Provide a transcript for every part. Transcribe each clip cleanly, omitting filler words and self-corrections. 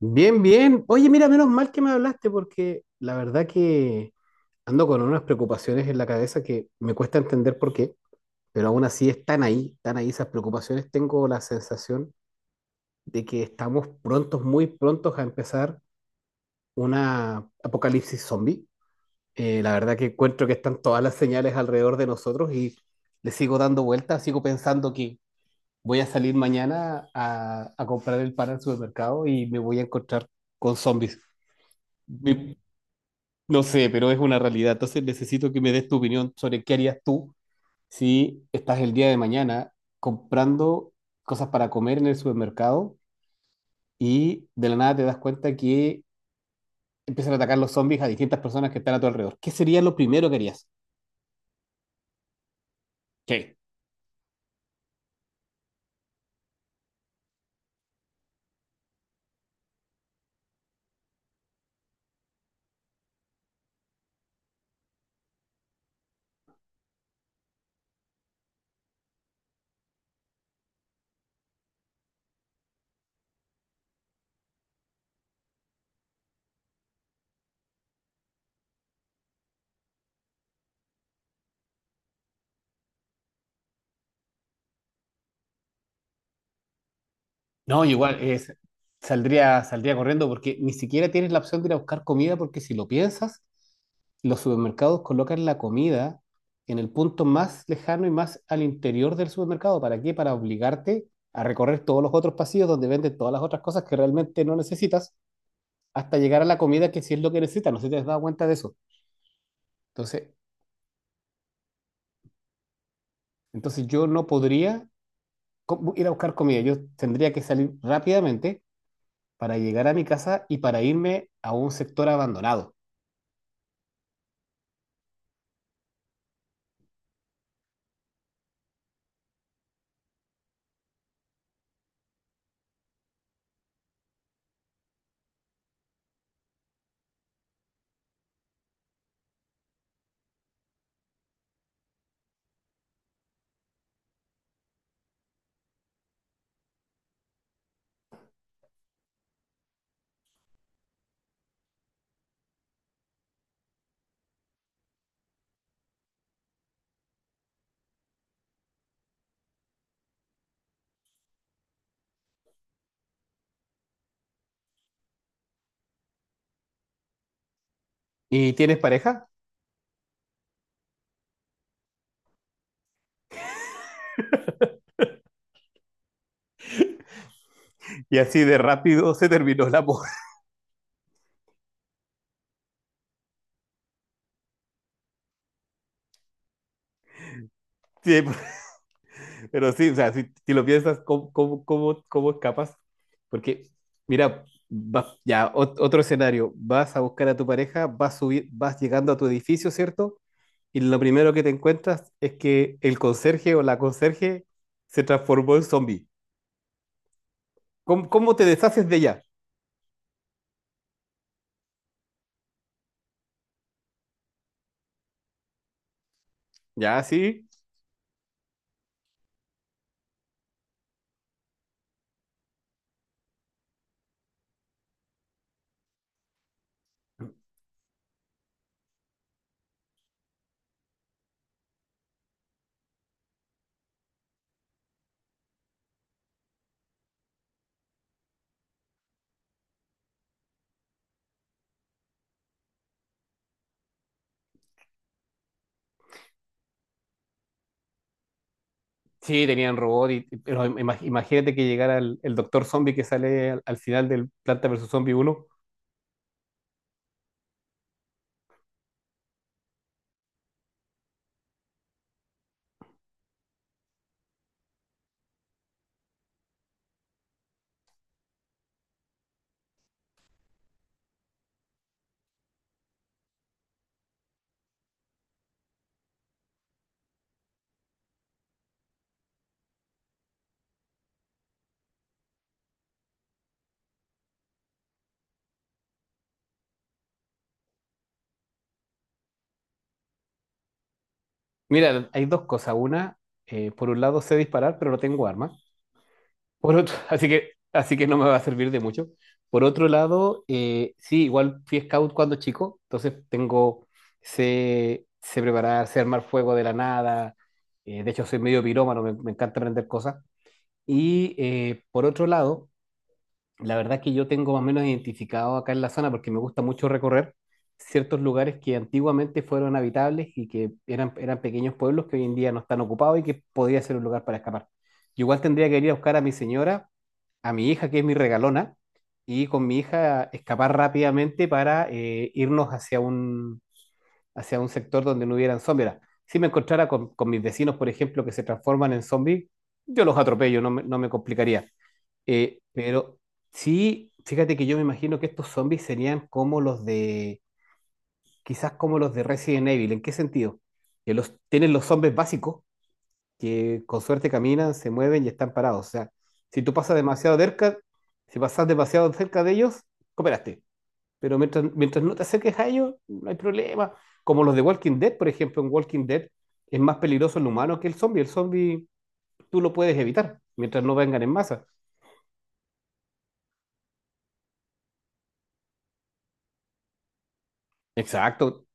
Bien, bien. Oye, mira, menos mal que me hablaste porque la verdad que ando con unas preocupaciones en la cabeza que me cuesta entender por qué, pero aún así están ahí esas preocupaciones. Tengo la sensación de que estamos prontos, muy prontos a empezar una apocalipsis zombie. La verdad que encuentro que están todas las señales alrededor de nosotros y le sigo dando vueltas, sigo pensando que voy a salir mañana a comprar el pan al supermercado y me voy a encontrar con zombies. Mi, No sé, pero es una realidad. Entonces necesito que me des tu opinión sobre qué harías tú si estás el día de mañana comprando cosas para comer en el supermercado y de la nada te das cuenta que empiezan a atacar los zombies a distintas personas que están a tu alrededor. ¿Qué sería lo primero que harías? Ok. No, igual es, saldría corriendo porque ni siquiera tienes la opción de ir a buscar comida porque si lo piensas, los supermercados colocan la comida en el punto más lejano y más al interior del supermercado. ¿Para qué? Para obligarte a recorrer todos los otros pasillos donde venden todas las otras cosas que realmente no necesitas hasta llegar a la comida que sí es lo que necesitas. No sé si te has dado cuenta de eso. Entonces, entonces, yo no podría ir a buscar comida. Yo tendría que salir rápidamente para llegar a mi casa y para irme a un sector abandonado. ¿Y tienes pareja? Y así de rápido se terminó el amor. Sí, pero sí, o sea, si lo piensas, ¿cómo escapas? Porque, mira, otro escenario, vas a buscar a tu pareja, vas, subir, vas llegando a tu edificio, ¿cierto? Y lo primero que te encuentras es que el conserje o la conserje se transformó en zombie. ¿Cómo te deshaces de ella? Ya, sí. Sí, tenían robot, pero imagínate que llegara el doctor zombie que sale al final del Planta versus Zombie uno. Mira, hay dos cosas. Una, por un lado sé disparar, pero no tengo arma. Por otro, así que no me va a servir de mucho. Por otro lado, sí, igual fui scout cuando chico, entonces tengo, sé preparar, sé armar fuego de la nada. De hecho, soy medio pirómano, me encanta aprender cosas. Y por otro lado, la verdad es que yo tengo más o menos identificado acá en la zona porque me gusta mucho recorrer ciertos lugares que antiguamente fueron habitables y que eran pequeños pueblos que hoy en día no están ocupados y que podría ser un lugar para escapar. Yo igual tendría que ir a buscar a mi señora, a mi hija, que es mi regalona, y con mi hija escapar rápidamente para irnos hacia un sector donde no hubieran zombies. Ahora, si me encontrara con mis vecinos, por ejemplo, que se transforman en zombies, yo los atropello, no me complicaría. Pero sí, fíjate que yo me imagino que estos zombies serían como quizás como los de Resident Evil. ¿En qué sentido? Que los, tienen los zombies básicos, que con suerte caminan, se mueven y están parados. O sea, si tú pasas demasiado cerca, si pasas demasiado cerca de ellos, cooperaste. Pero mientras no te acerques a ellos, no hay problema. Como los de Walking Dead, por ejemplo, en Walking Dead es más peligroso el humano que el zombie. El zombie tú lo puedes evitar mientras no vengan en masa. Exacto.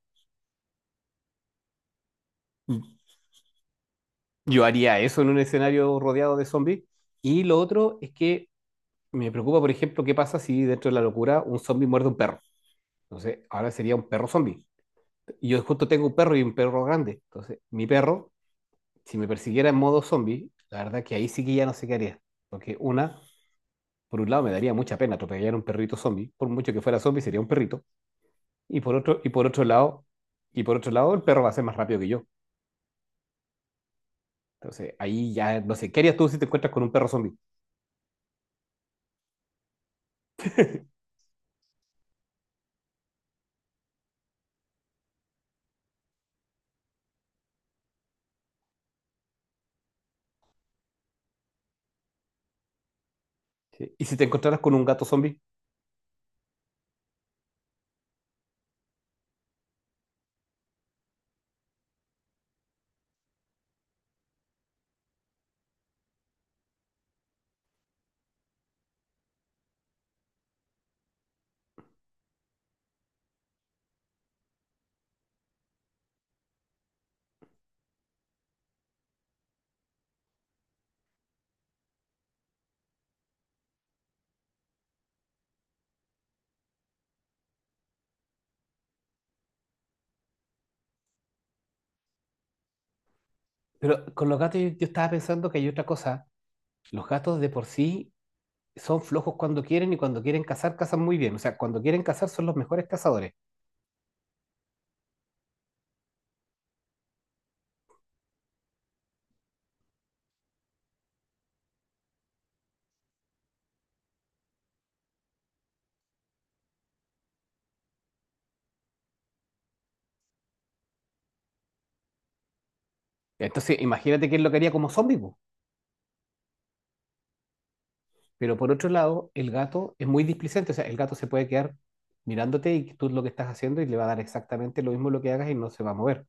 Yo haría eso en un escenario rodeado de zombies. Y lo otro es que me preocupa, por ejemplo, qué pasa si dentro de la locura un zombie muerde a un perro. Entonces, ahora sería un perro zombie. Y yo justo tengo un perro y un perro grande. Entonces, mi perro, si me persiguiera en modo zombie, la verdad que ahí sí que ya no sé qué haría. Porque una, por un lado me daría mucha pena atropellar a un perrito zombie. Por mucho que fuera zombie, sería un perrito. Y por otro, y por otro lado, y por otro lado, el perro va a ser más rápido que yo. Entonces, ahí ya no sé, ¿qué harías tú si te encuentras con un perro zombie? Sí. ¿Y si te encontraras con un gato zombie? Pero con los gatos yo estaba pensando que hay otra cosa. Los gatos de por sí son flojos cuando quieren y cuando quieren cazar, cazan muy bien. O sea, cuando quieren cazar son los mejores cazadores. Entonces, imagínate que lo quería como zombie, po. Pero por otro lado, el gato es muy displicente. O sea, el gato se puede quedar mirándote y tú lo que estás haciendo y le va a dar exactamente lo mismo lo que hagas y no se va a mover.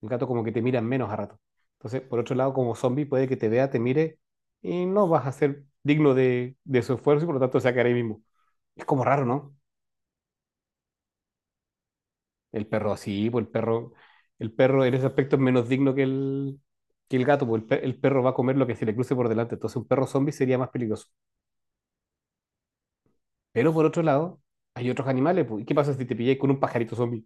El gato como que te mira menos a rato. Entonces, por otro lado, como zombie puede que te vea, te mire y no vas a ser digno de su esfuerzo y por lo tanto se va a quedar ahí mismo. Es como raro, ¿no? El perro así, el perro en ese aspecto es menos digno que que el gato, pues el perro va a comer lo que se le cruce por delante, entonces un perro zombie sería más peligroso. Pero por otro lado, hay otros animales, pues, ¿y qué pasa si te pilláis con un pajarito zombie?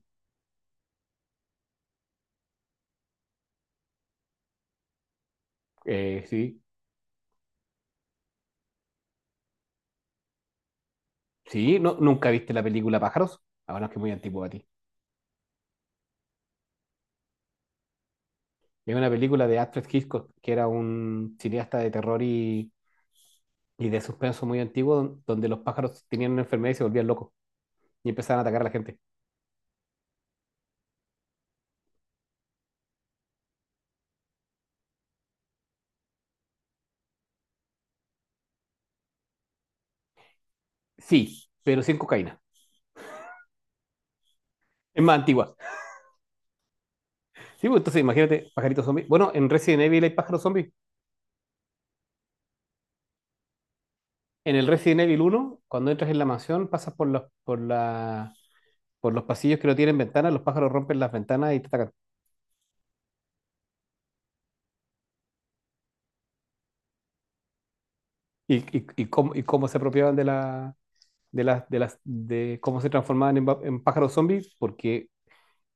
Sí, sí, no, nunca viste la película Pájaros, ahora es que es muy antiguo a ti. Es una película de Alfred Hitchcock, que era un cineasta de terror y de suspenso muy antiguo, donde los pájaros tenían una enfermedad y se volvían locos y empezaban a atacar a la gente. Sí, pero sin cocaína. Es más antigua. Sí, pues entonces imagínate, pajaritos zombies. Bueno, en Resident Evil hay pájaros zombies. En el Resident Evil uno, cuando entras en la mansión, pasas por por los pasillos que no tienen ventanas, los pájaros rompen las ventanas y te atacan. Y cómo, y cómo se apropiaban de la, de las, de las, de cómo se transformaban en, en pájaros zombies, porque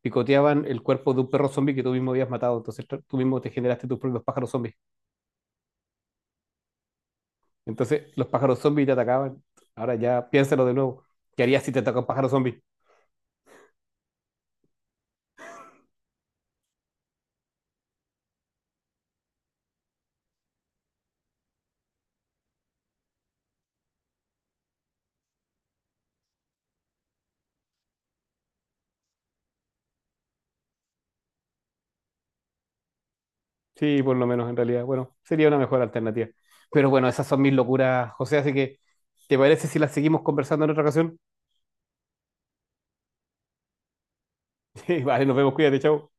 picoteaban el cuerpo de un perro zombie que tú mismo habías matado. Entonces tú mismo te generaste tus propios pájaros zombies. Entonces los pájaros zombies te atacaban. Ahora ya piénsalo de nuevo. ¿Qué harías si te ataca un pájaro zombie? Sí, por lo menos en realidad. Bueno, sería una mejor alternativa. Pero bueno, esas son mis locuras, José. Así que, ¿te parece si las seguimos conversando en otra ocasión? Sí, vale, nos vemos, cuídate, chao.